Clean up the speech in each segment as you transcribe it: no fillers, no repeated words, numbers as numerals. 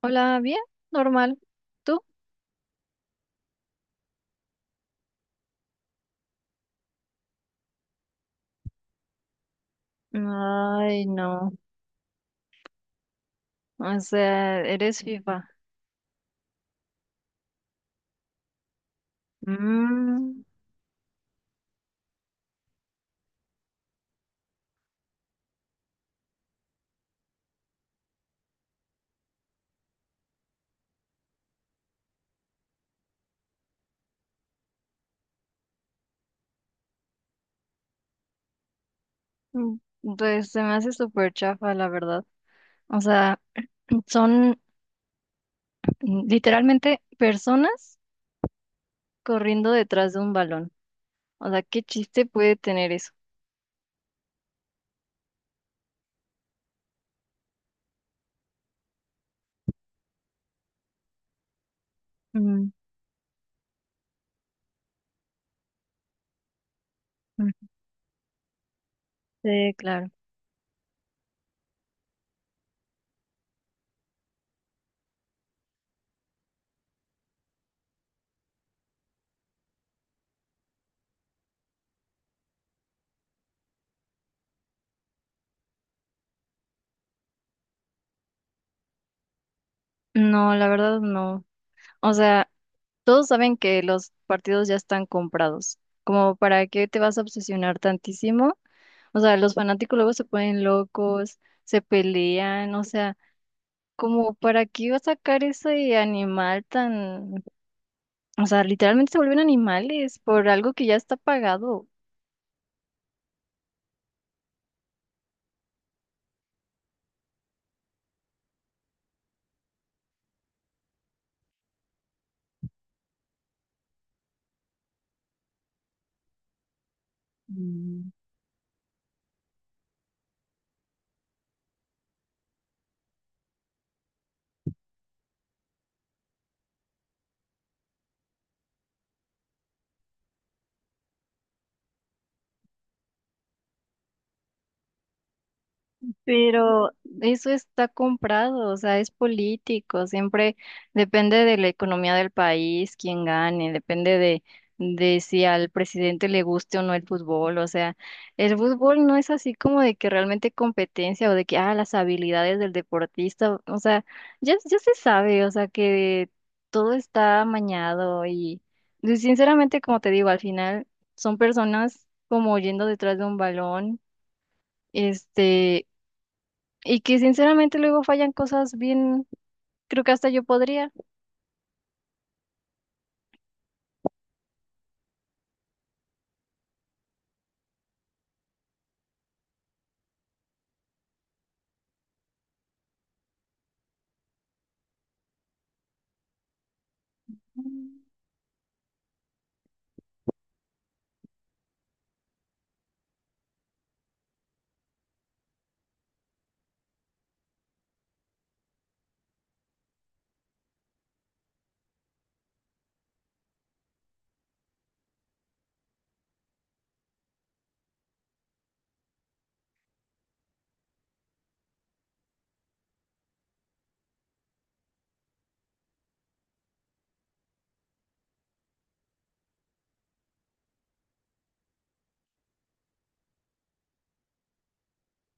Hola, bien, normal. ¿Tú? Ay, no. O sea, eres FIFA. Mm, mm, pues se me hace súper chafa, la verdad. O sea, son literalmente personas corriendo detrás de un balón. O sea, ¿qué chiste puede tener eso? Mm, mm. Sí, claro. No, la verdad no. O sea, todos saben que los partidos ya están comprados. Como para qué te vas a obsesionar tantísimo. O sea, los fanáticos luego se ponen locos, se pelean, o sea, como para qué iba a sacar ese animal tan, o sea, literalmente se vuelven animales por algo que ya está pagado. Pero eso está comprado, o sea, es político, siempre depende de la economía del país, quién gane, depende de si al presidente le guste o no el fútbol, o sea, el fútbol no es así como de que realmente competencia o de que, ah, las habilidades del deportista, o sea, ya, ya se sabe, o sea, que todo está amañado y sinceramente, como te digo, al final son personas como yendo detrás de un balón. Este, y que sinceramente luego fallan cosas bien, creo que hasta yo podría. Mm,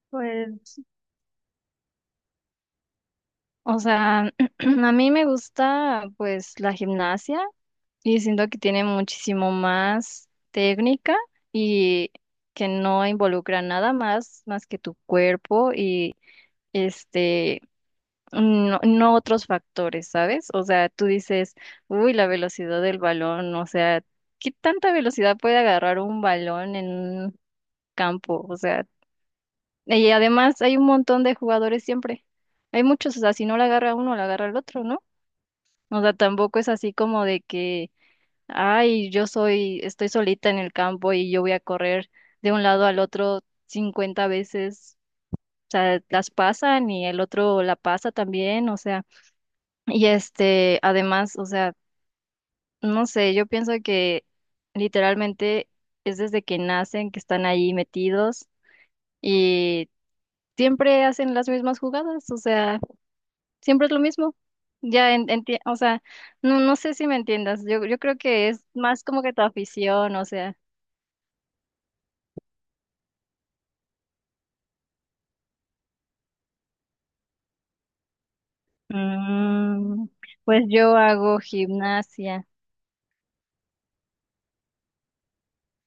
Pues, o sea, a mí me gusta pues la gimnasia y siento que tiene muchísimo más técnica y que no involucra nada más que tu cuerpo y este no, no otros factores, ¿sabes? O sea, tú dices, uy, la velocidad del balón, o sea, ¿qué tanta velocidad puede agarrar un balón en campo? O sea, y además hay un montón de jugadores siempre. Hay muchos, o sea, si no la agarra uno, la agarra el otro, ¿no? O sea, tampoco es así como de que, ay, yo soy, estoy solita en el campo y yo voy a correr de un lado al otro 50 veces. O sea, las pasan y el otro la pasa también, o sea, y este, además, o sea, no sé, yo pienso que literalmente es desde que nacen que están ahí metidos. Y siempre hacen las mismas jugadas, o sea, siempre es lo mismo. Ya, o sea, no, no sé si me entiendas, yo creo que es más como que tu afición, o sea, mm, pues yo hago gimnasia.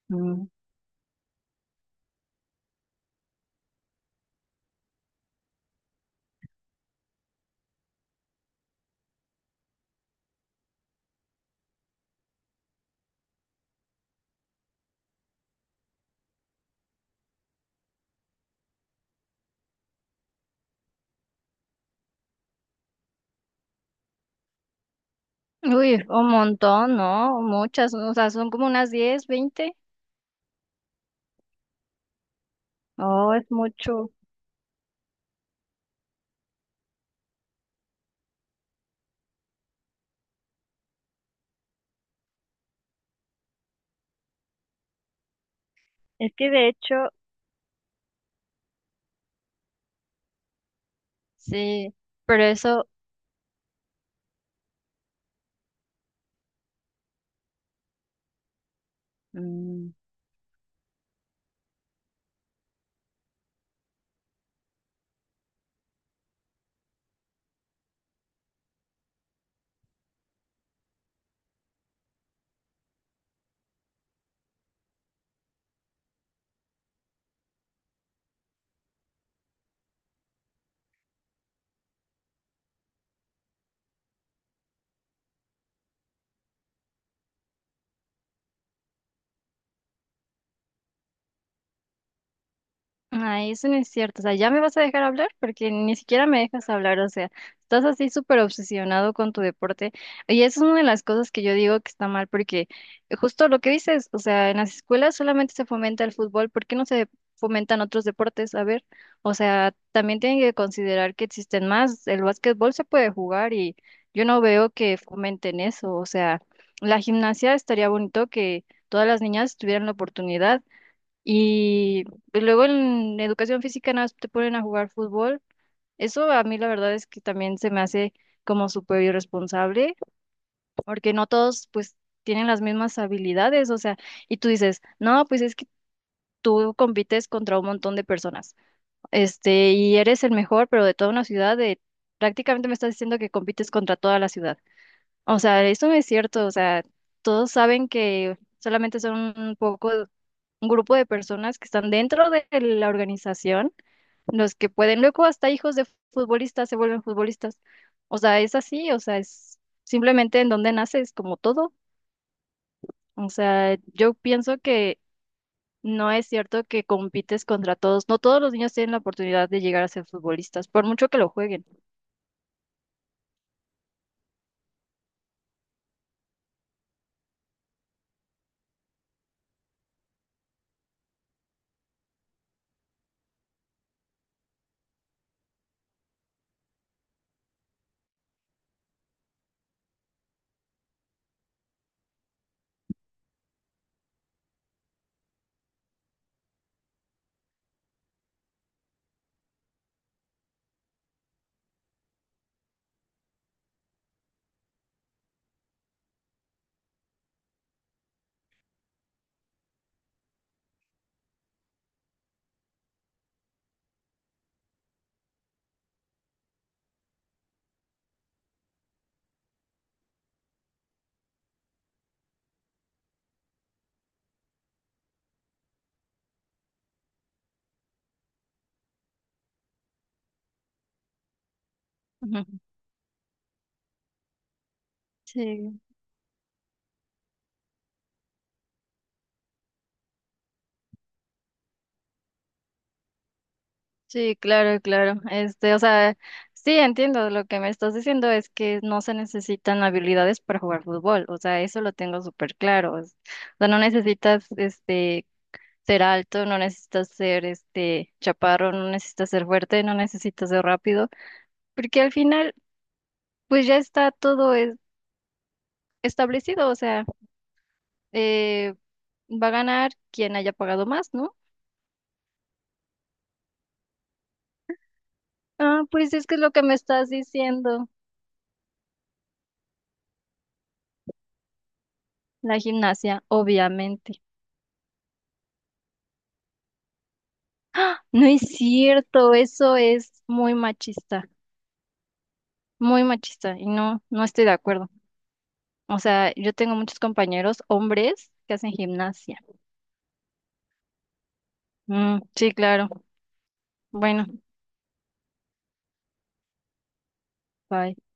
mm, Uy, un montón, ¿no? Muchas, o sea, son como unas 10 20. Oh, es mucho. Es que de hecho, sí, pero eso. mm, Ay, eso no es cierto. O sea, ¿ya me vas a dejar hablar? Porque ni siquiera me dejas hablar. O sea, estás así súper obsesionado con tu deporte. Y eso es una de las cosas que yo digo que está mal, porque justo lo que dices, o sea, en las escuelas solamente se fomenta el fútbol. ¿Por qué no se fomentan otros deportes? A ver, o sea, también tienen que considerar que existen más. El básquetbol se puede jugar y yo no veo que fomenten eso. O sea, la gimnasia estaría bonito que todas las niñas tuvieran la oportunidad. Y luego en educación física nada más te ponen a jugar fútbol. Eso a mí la verdad es que también se me hace como súper irresponsable, porque no todos pues tienen las mismas habilidades, o sea, y tú dices, no, pues es que tú compites contra un montón de personas, este, y eres el mejor, pero de toda una ciudad, prácticamente me estás diciendo que compites contra toda la ciudad. O sea, eso no es cierto. O sea, todos saben que solamente son un poco, un grupo de personas que están dentro de la organización, los que pueden, luego hasta hijos de futbolistas se vuelven futbolistas. O sea, es así, o sea, es simplemente en donde naces, como todo. O sea, yo pienso que no es cierto que compites contra todos. No todos los niños tienen la oportunidad de llegar a ser futbolistas, por mucho que lo jueguen. Ujú. Sí. Sí, claro, claro. Este, o sea, sí, entiendo. Lo que me estás diciendo es que no se necesitan habilidades para jugar fútbol. O sea, eso lo tengo súper claro. O sea, no necesitas, este, ser alto, no necesitas ser, este, chaparro, no necesitas ser fuerte, no necesitas ser rápido, porque al final, pues ya está todo establecido. O sea, eh, va a ganar quien haya pagado más, ¿no? Ah, pues es que es lo que me estás diciendo. La gimnasia, obviamente. ¡Ah! No es cierto, eso es muy machista y no, no estoy de acuerdo. O sea, yo tengo muchos compañeros hombres que hacen gimnasia. Mm, sí, claro. Bueno, bye.